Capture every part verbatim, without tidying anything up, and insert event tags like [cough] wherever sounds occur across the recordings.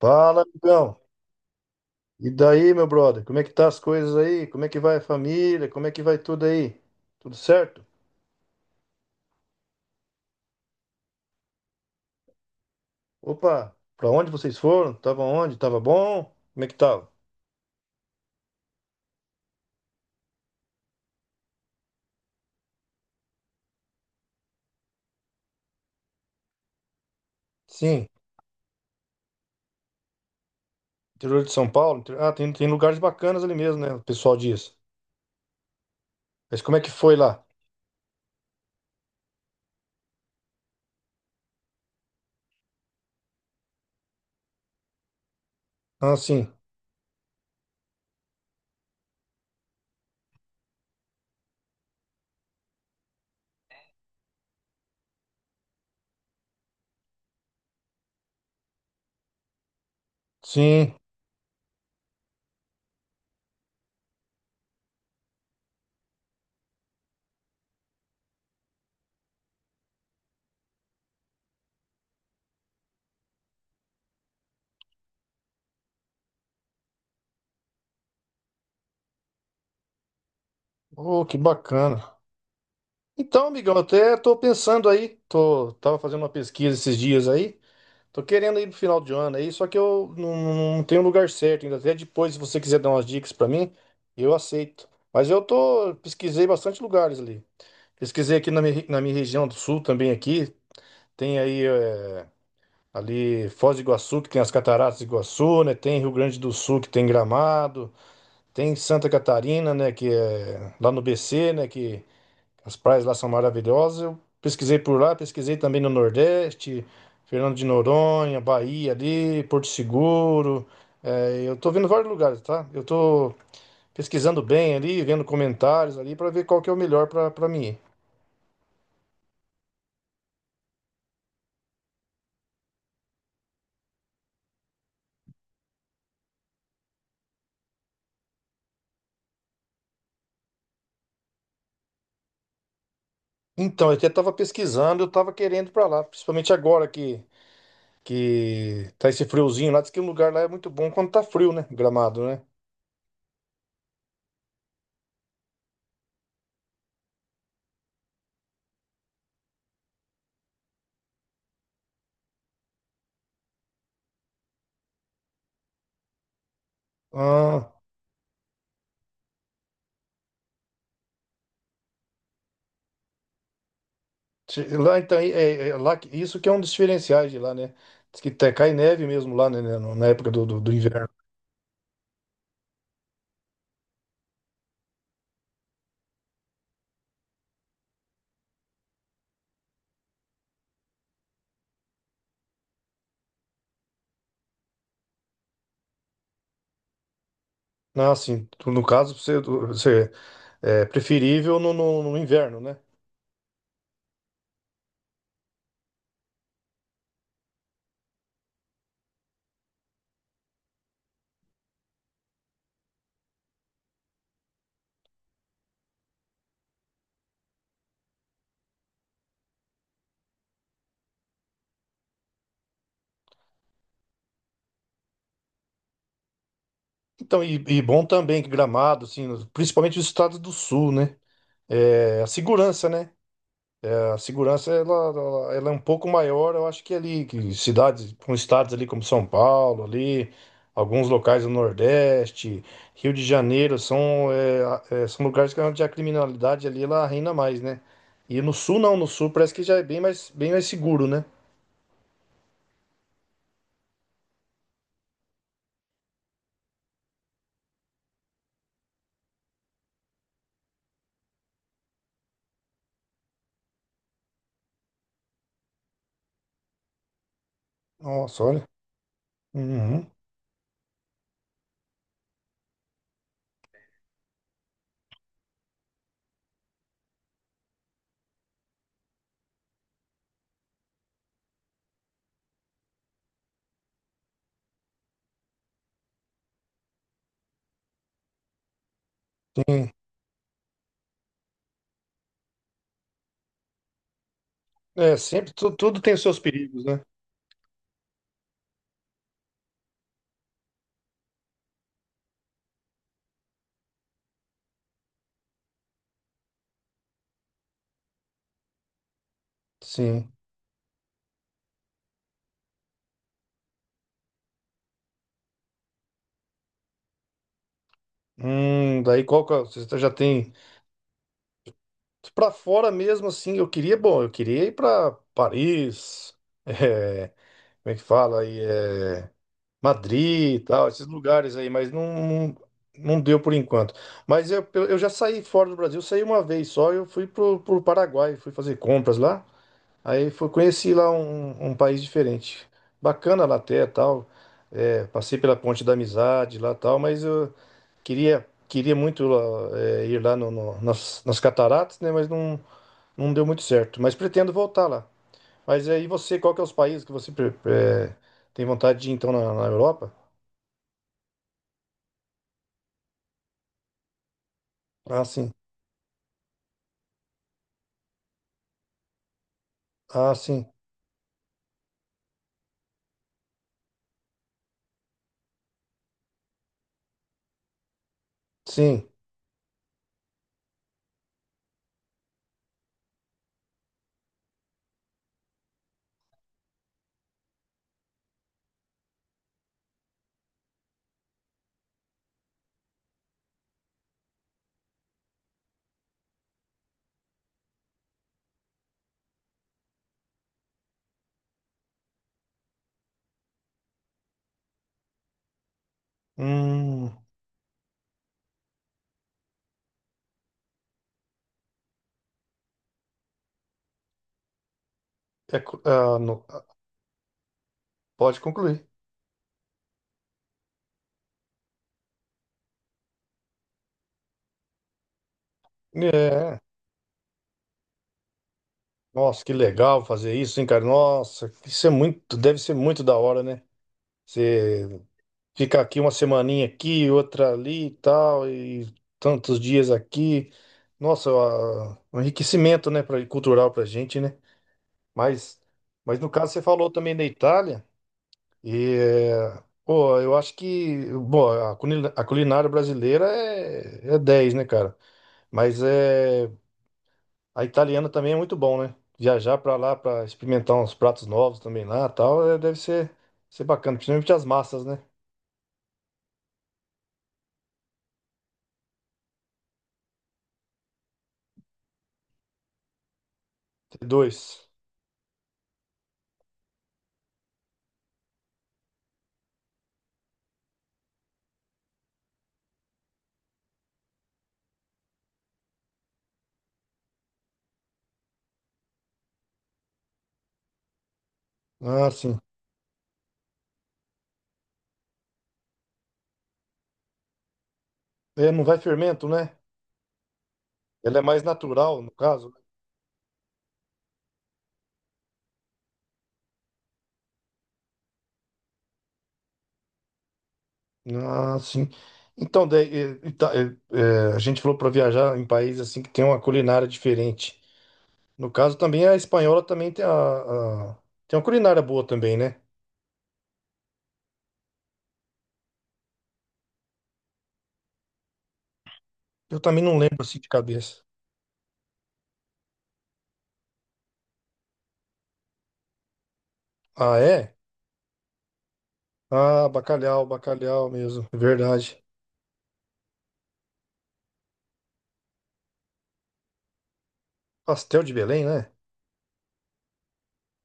Fala, amigão. E daí, meu brother? Como é que tá as coisas aí? Como é que vai a família? Como é que vai tudo aí? Tudo certo? Opa, pra onde vocês foram? Tava onde? Tava bom? Como é que tava? Sim, interior de São Paulo. inter- Ah, tem, tem lugares bacanas ali mesmo, né? O pessoal diz. Mas como é que foi lá? Ah, sim. Sim. Oh, que bacana. Então, amigão, até tô pensando aí. Tô, tava fazendo uma pesquisa esses dias aí. Tô querendo ir pro final de ano aí, só que eu não, não tenho lugar certo ainda. Até depois, se você quiser dar umas dicas pra mim, eu aceito. Mas eu tô, pesquisei bastante lugares ali. Pesquisei aqui na minha, re- na minha região do sul também aqui. Tem aí eh, ali Foz do Iguaçu, que tem as Cataratas do Iguaçu, né? Tem Rio Grande do Sul, que tem Gramado. Tem Santa Catarina, né? Que é lá no B C, né? Que as praias lá são maravilhosas. Eu pesquisei por lá, pesquisei também no Nordeste, Fernando de Noronha, Bahia ali, Porto Seguro. É, eu tô vendo vários lugares, tá? Eu tô pesquisando bem ali, vendo comentários ali para ver qual que é o melhor para para mim. Ir. Então, eu até tava pesquisando, eu tava querendo ir para lá, principalmente agora que que tá esse friozinho lá, diz que o lugar lá é muito bom quando tá frio, né? Gramado, né? Ah. Che- Lá, então, é, é- lá, que- isso que é um dos diferenciais de lá, né? Diz que te- cai neve mesmo lá, né, né, no- na época do, do, do inverno. Não assim, tu- no caso, você, você é preferível no, no, no inverno, né? Então, e, e bom também que Gramado, assim, no- principalmente os estados do sul, né? É, a segurança, né? A segurança ela, ela, ela é um pouco maior, eu acho que ali, que cidades, com estados ali como São Paulo, ali, alguns locais do Nordeste, Rio de Janeiro, são, é, a- é, são lugares que onde a criminalidade ali ela reina mais, né? E no sul não, no sul parece que já é bem mais, bem mais seguro, né? Nossa, olha. Uhum. Sim. É, sempre tu- tudo tem os seus perigos, né? Sim. Hum, daí qual que é- você já tem. Pra fora mesmo, assim, eu queria, bom, eu queria ir pra Paris, [laughs] é, como é que fala aí, é, Madrid e tal, esses lugares aí, mas não, não deu por enquanto. Mas eu, eu já saí fora do Brasil, saí uma vez só, eu fui pro, pro Paraguai, fui fazer compras lá, aí fui, conheci lá um, um país diferente. Bacana lá até, tal, é, passei pela Ponte da Amizade lá, tal, mas eu queria, queria muito lá, é, ir lá no, no- nas, nas cataratas, né, mas não não deu muito certo, mas pretendo voltar lá. Mas aí você, qual que é os países que você pre- eh, tem vontade de ir, então, na, na Europa? Ah, sim. Ah, sim. Sim. Hum, é co- ah, no- ah, pode concluir. É. Nossa, que legal fazer isso, hein, cara? Nossa, isso é muito, deve ser muito da hora, né? Você fica aqui uma semaninha aqui, outra ali e tal, e tantos dias aqui. Nossa, ah, um enriquecimento, né, pra, cultural pra gente, né? Mas, mas no caso você falou também da Itália e eh, pô, eu acho que bom, a culi- a culinária brasileira é, é dez, né, cara? Mas é a italiana também é muito bom, né? Viajar pra lá pra experimentar uns pratos novos também lá, tal, eh, deve ser ser bacana, principalmente as massas, né? dois. Ah, sim. É, não vai fermento, né? Ela é mais natural, no caso. Ah, sim. Então, daí, eh, Ita- eh, eh, a gente falou para viajar em países assim que tem uma culinária diferente. No caso, também a espanhola também tem a, a- tem uma culinária boa também, né? Eu também não lembro assim de cabeça. Ah, é? Ah, bacalhau, bacalhau mesmo, é verdade. Pastel de Belém, né?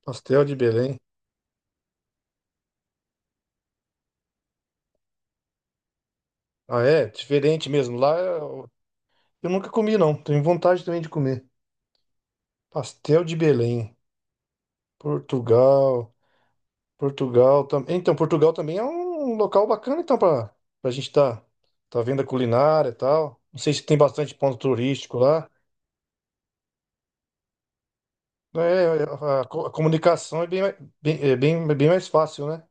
Pastel de Belém. Ah, é? Diferente mesmo. Lá eu eu nunca comi, não. Tenho vontade também de comer. Pastel de Belém, Portugal. Portugal também. Então, Portugal também é um local bacana, então, pra, pra gente tá, tá vendo a culinária e tal. Não sei se tem bastante ponto turístico lá. É, a, a co- a comunicação é bem, mais- bem, é bem, é bem mais fácil, né?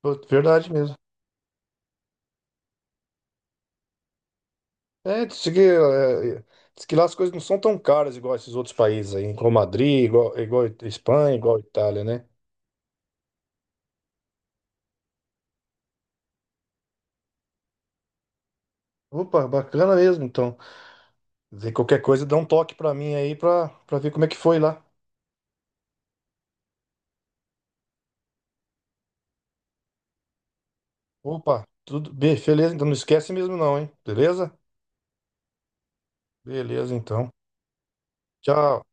Pô, verdade mesmo. É, diz que, é, diz que lá as coisas não são tão caras igual esses outros países aí, igual Madrid, igual, igual Espanha, igual Itália, né? Opa, bacana mesmo, então. Dizer, Qualquer coisa, dá um toque pra mim aí pra, pra ver como é que foi lá. Opa, tudo bem, beleza? Então não esquece mesmo não, hein? Beleza? Beleza, então. Tchau.